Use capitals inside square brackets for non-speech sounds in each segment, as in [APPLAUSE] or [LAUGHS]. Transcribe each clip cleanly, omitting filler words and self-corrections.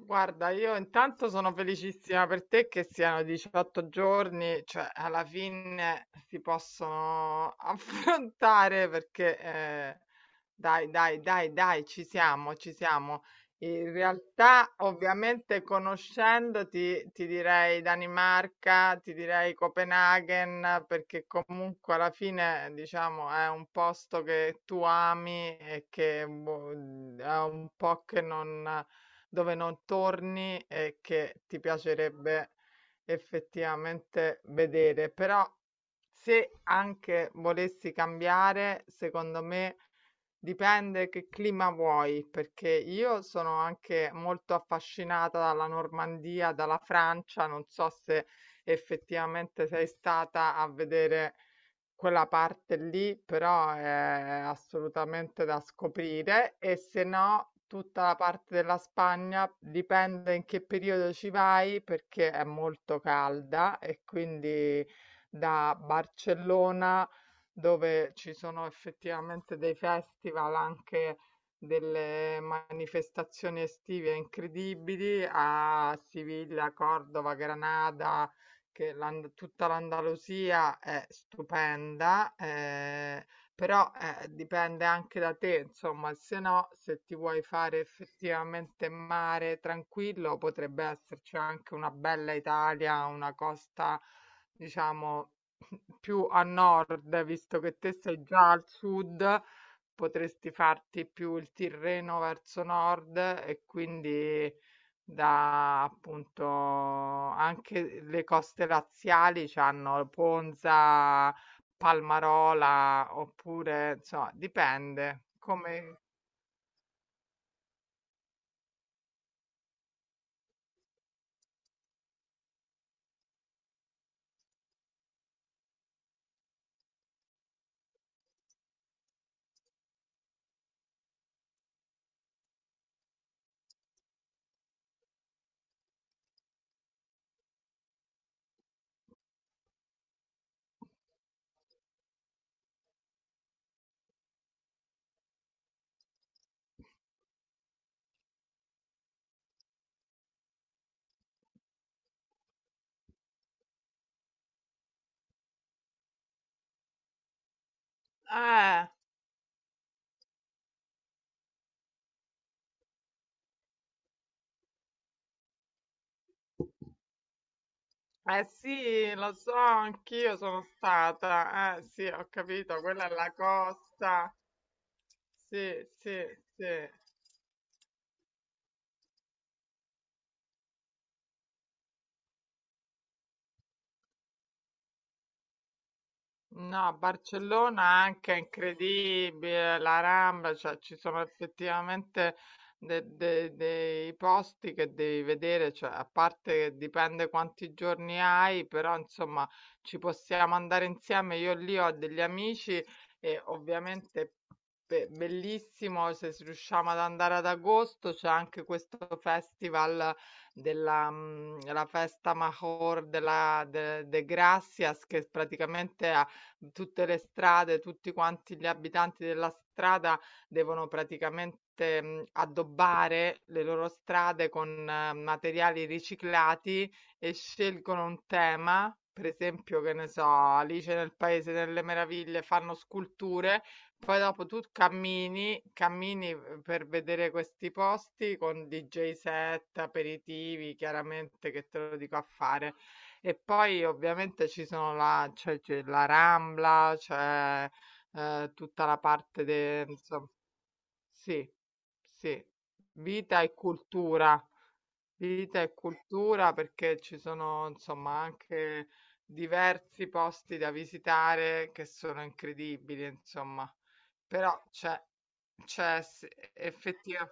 Guarda, io intanto sono felicissima per te che siano 18 giorni, cioè alla fine si possono [LAUGHS] affrontare perché dai, dai, dai, dai, ci siamo, ci siamo. In realtà, ovviamente, conoscendoti, ti direi Danimarca, ti direi Copenaghen, perché comunque alla fine, diciamo, è un posto che tu ami e che boh, è un po' che non, dove non torni e che ti piacerebbe effettivamente vedere. Però, se anche volessi cambiare, secondo me. Dipende che clima vuoi, perché io sono anche molto affascinata dalla Normandia, dalla Francia. Non so se effettivamente sei stata a vedere quella parte lì però è assolutamente da scoprire, e se no tutta la parte della Spagna dipende in che periodo ci vai perché è molto calda e quindi da Barcellona dove ci sono effettivamente dei festival anche, delle manifestazioni estive incredibili, a Siviglia, Cordova, Granada, che tutta l'Andalusia è stupenda, però dipende anche da te, insomma, se no, se ti vuoi fare effettivamente mare tranquillo, potrebbe esserci anche una bella Italia, una costa, diciamo, [LAUGHS] più a nord, visto che te sei già al sud, potresti farti più il Tirreno verso nord, e quindi da appunto anche le coste laziali c'hanno Ponza, Palmarola, oppure insomma dipende come. eh, eh sì, lo so, anch'io sono stata. Eh sì, ho capito, quella è la costa. Sì, sì, sì. No, Barcellona anche è incredibile, la Rambla, cioè ci sono effettivamente dei posti che devi vedere, cioè, a parte che dipende quanti giorni hai, però insomma ci possiamo andare insieme. Io lì ho degli amici, e ovviamente bellissimo se riusciamo ad andare ad agosto, c'è anche questo festival la festa Major de Gracias, che praticamente ha tutte le strade, tutti quanti gli abitanti della strada devono praticamente, addobbare le loro strade con materiali riciclati, e scelgono un tema, per esempio, che ne so, Alice nel Paese delle Meraviglie, fanno sculture, poi dopo tu cammini, cammini, per vedere questi posti con DJ set, aperitivi, chiaramente che te lo dico a fare. E poi ovviamente ci sono la c'è la Rambla, tutta la parte de insom sì, sì, vita e cultura, vita e cultura, perché ci sono insomma anche diversi posti da visitare che sono incredibili insomma, però c'è c'è s effettiva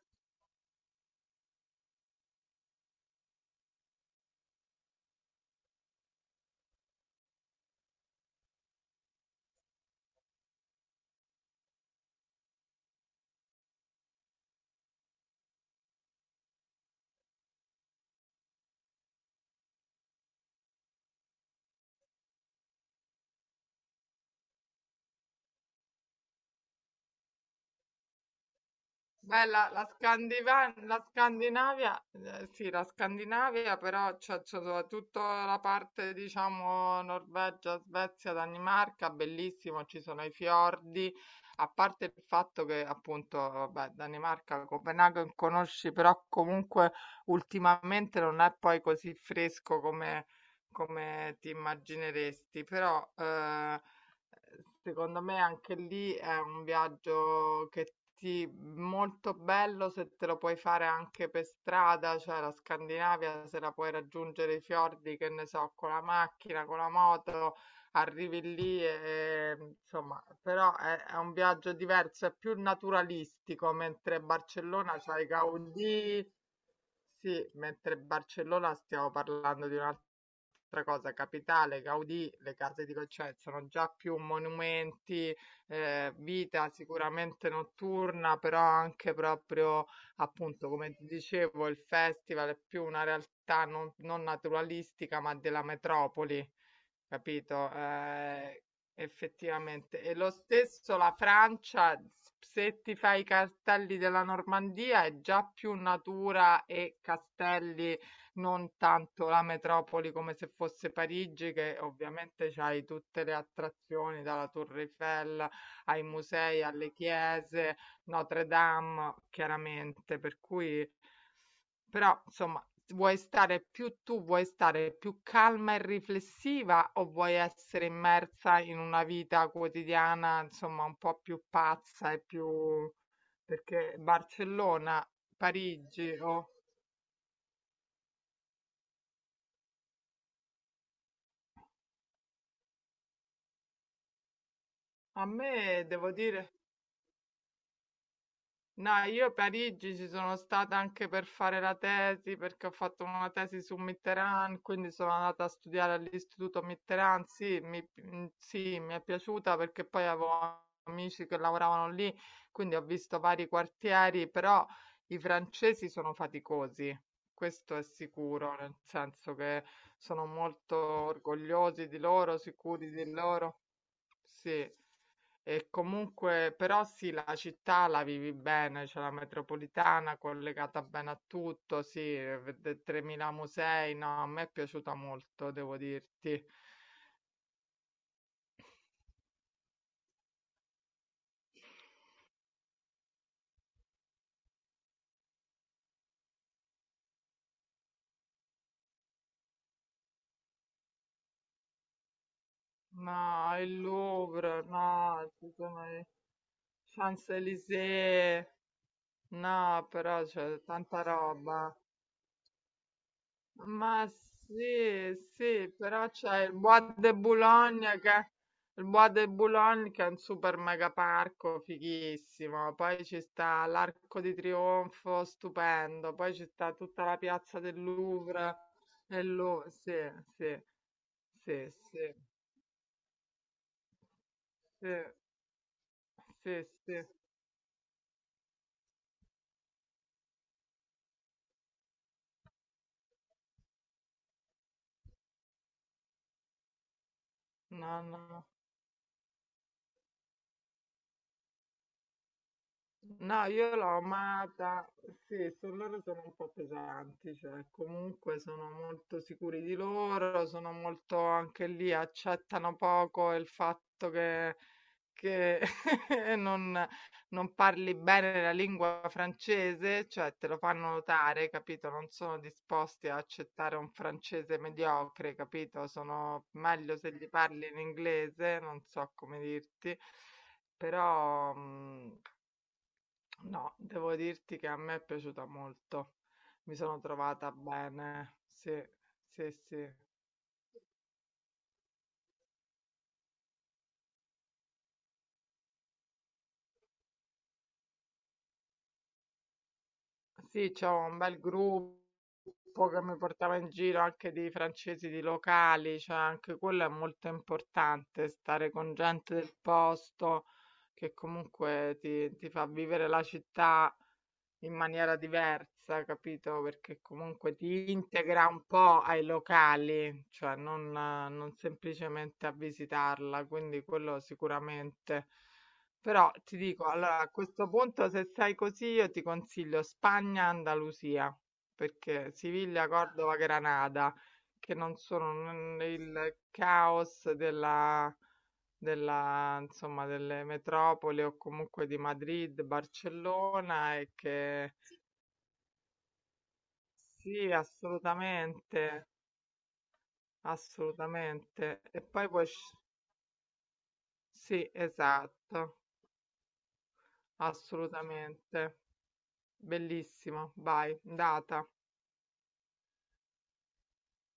Beh, la la Scandinavia, sì, la Scandinavia, però c'è soprattutto la parte, diciamo, Norvegia, Svezia, Danimarca, bellissimo, ci sono i fiordi, a parte il fatto che appunto, vabbè, Danimarca, Copenaghen conosci, però comunque ultimamente non è poi così fresco come, come ti immagineresti, però. Secondo me anche lì è un viaggio che ti molto bello se te lo puoi fare anche per strada, cioè la Scandinavia, se la puoi raggiungere i fiordi, che ne so, con la macchina, con la moto, arrivi lì e insomma, però è un viaggio diverso, è più naturalistico, mentre Barcellona c'hai Gaudì, sì, mentre Barcellona stiamo parlando di un'altra cosa, capitale, Gaudì, le case di Gauchet sono già più monumenti, vita sicuramente notturna, però anche proprio appunto, come ti dicevo, il festival è più una realtà non naturalistica, ma della metropoli. Capito? Effettivamente. E lo stesso la Francia, se ti fai i castelli della Normandia, è già più natura e castelli, non tanto la metropoli come se fosse Parigi, che ovviamente c'hai tutte le attrazioni, dalla Torre Eiffel ai musei, alle chiese, Notre Dame, chiaramente, per cui però insomma, vuoi stare più tu, vuoi stare più calma e riflessiva o vuoi essere immersa in una vita quotidiana, insomma, un po' più pazza e più perché Barcellona, Parigi o. a me devo dire No, io a Parigi ci sono stata anche per fare la tesi, perché ho fatto una tesi su Mitterrand, quindi sono andata a studiare all'Istituto Mitterrand. Sì, sì, mi è piaciuta perché poi avevo amici che lavoravano lì, quindi ho visto vari quartieri, però i francesi sono faticosi, questo è sicuro, nel senso che sono molto orgogliosi di loro, sicuri di loro. Sì. E comunque, però sì, la città la vivi bene, c'è la metropolitana collegata bene a tutto, sì, 3.000 musei, no, a me è piaciuta molto, devo dirti. No, il Louvre, no, ci sono i Champs-Élysées, no, però c'è tanta roba. Ma sì, sì, però c'è il Bois de Boulogne che è un super mega parco fighissimo, poi ci sta l'Arco di Trionfo, stupendo, poi ci sta tutta la piazza del Louvre e lo sì, sì, sì, sì, sì, sì, sì, no, no, no. No, io l'ho amata, sì, su loro sono un po' pesanti, cioè comunque sono molto sicuri di loro, sono molto anche lì, accettano poco il fatto che [LAUGHS] non, non parli bene la lingua francese, cioè te lo fanno notare, capito? Non sono disposti a accettare un francese mediocre, capito? Sono meglio se gli parli in inglese, non so come dirti, però. No, devo dirti che a me è piaciuta molto. Mi sono trovata bene. Sì, sì, sì. Sì, c'ho un bel gruppo che mi portava in giro anche di francesi, di locali, cioè anche quello è molto importante, stare con gente del posto che comunque ti fa vivere la città in maniera diversa, capito? Perché comunque ti integra un po' ai locali, cioè non semplicemente a visitarla, quindi quello sicuramente. Però ti dico, allora a questo punto se sei così io ti consiglio Spagna, Andalusia, perché Siviglia, Cordova, Granada, che non sono il caos della insomma, delle metropoli o comunque di Madrid, Barcellona, e che sì, assolutamente, assolutamente. E poi puoi... Sì, esatto, assolutamente. Bellissimo, vai, data.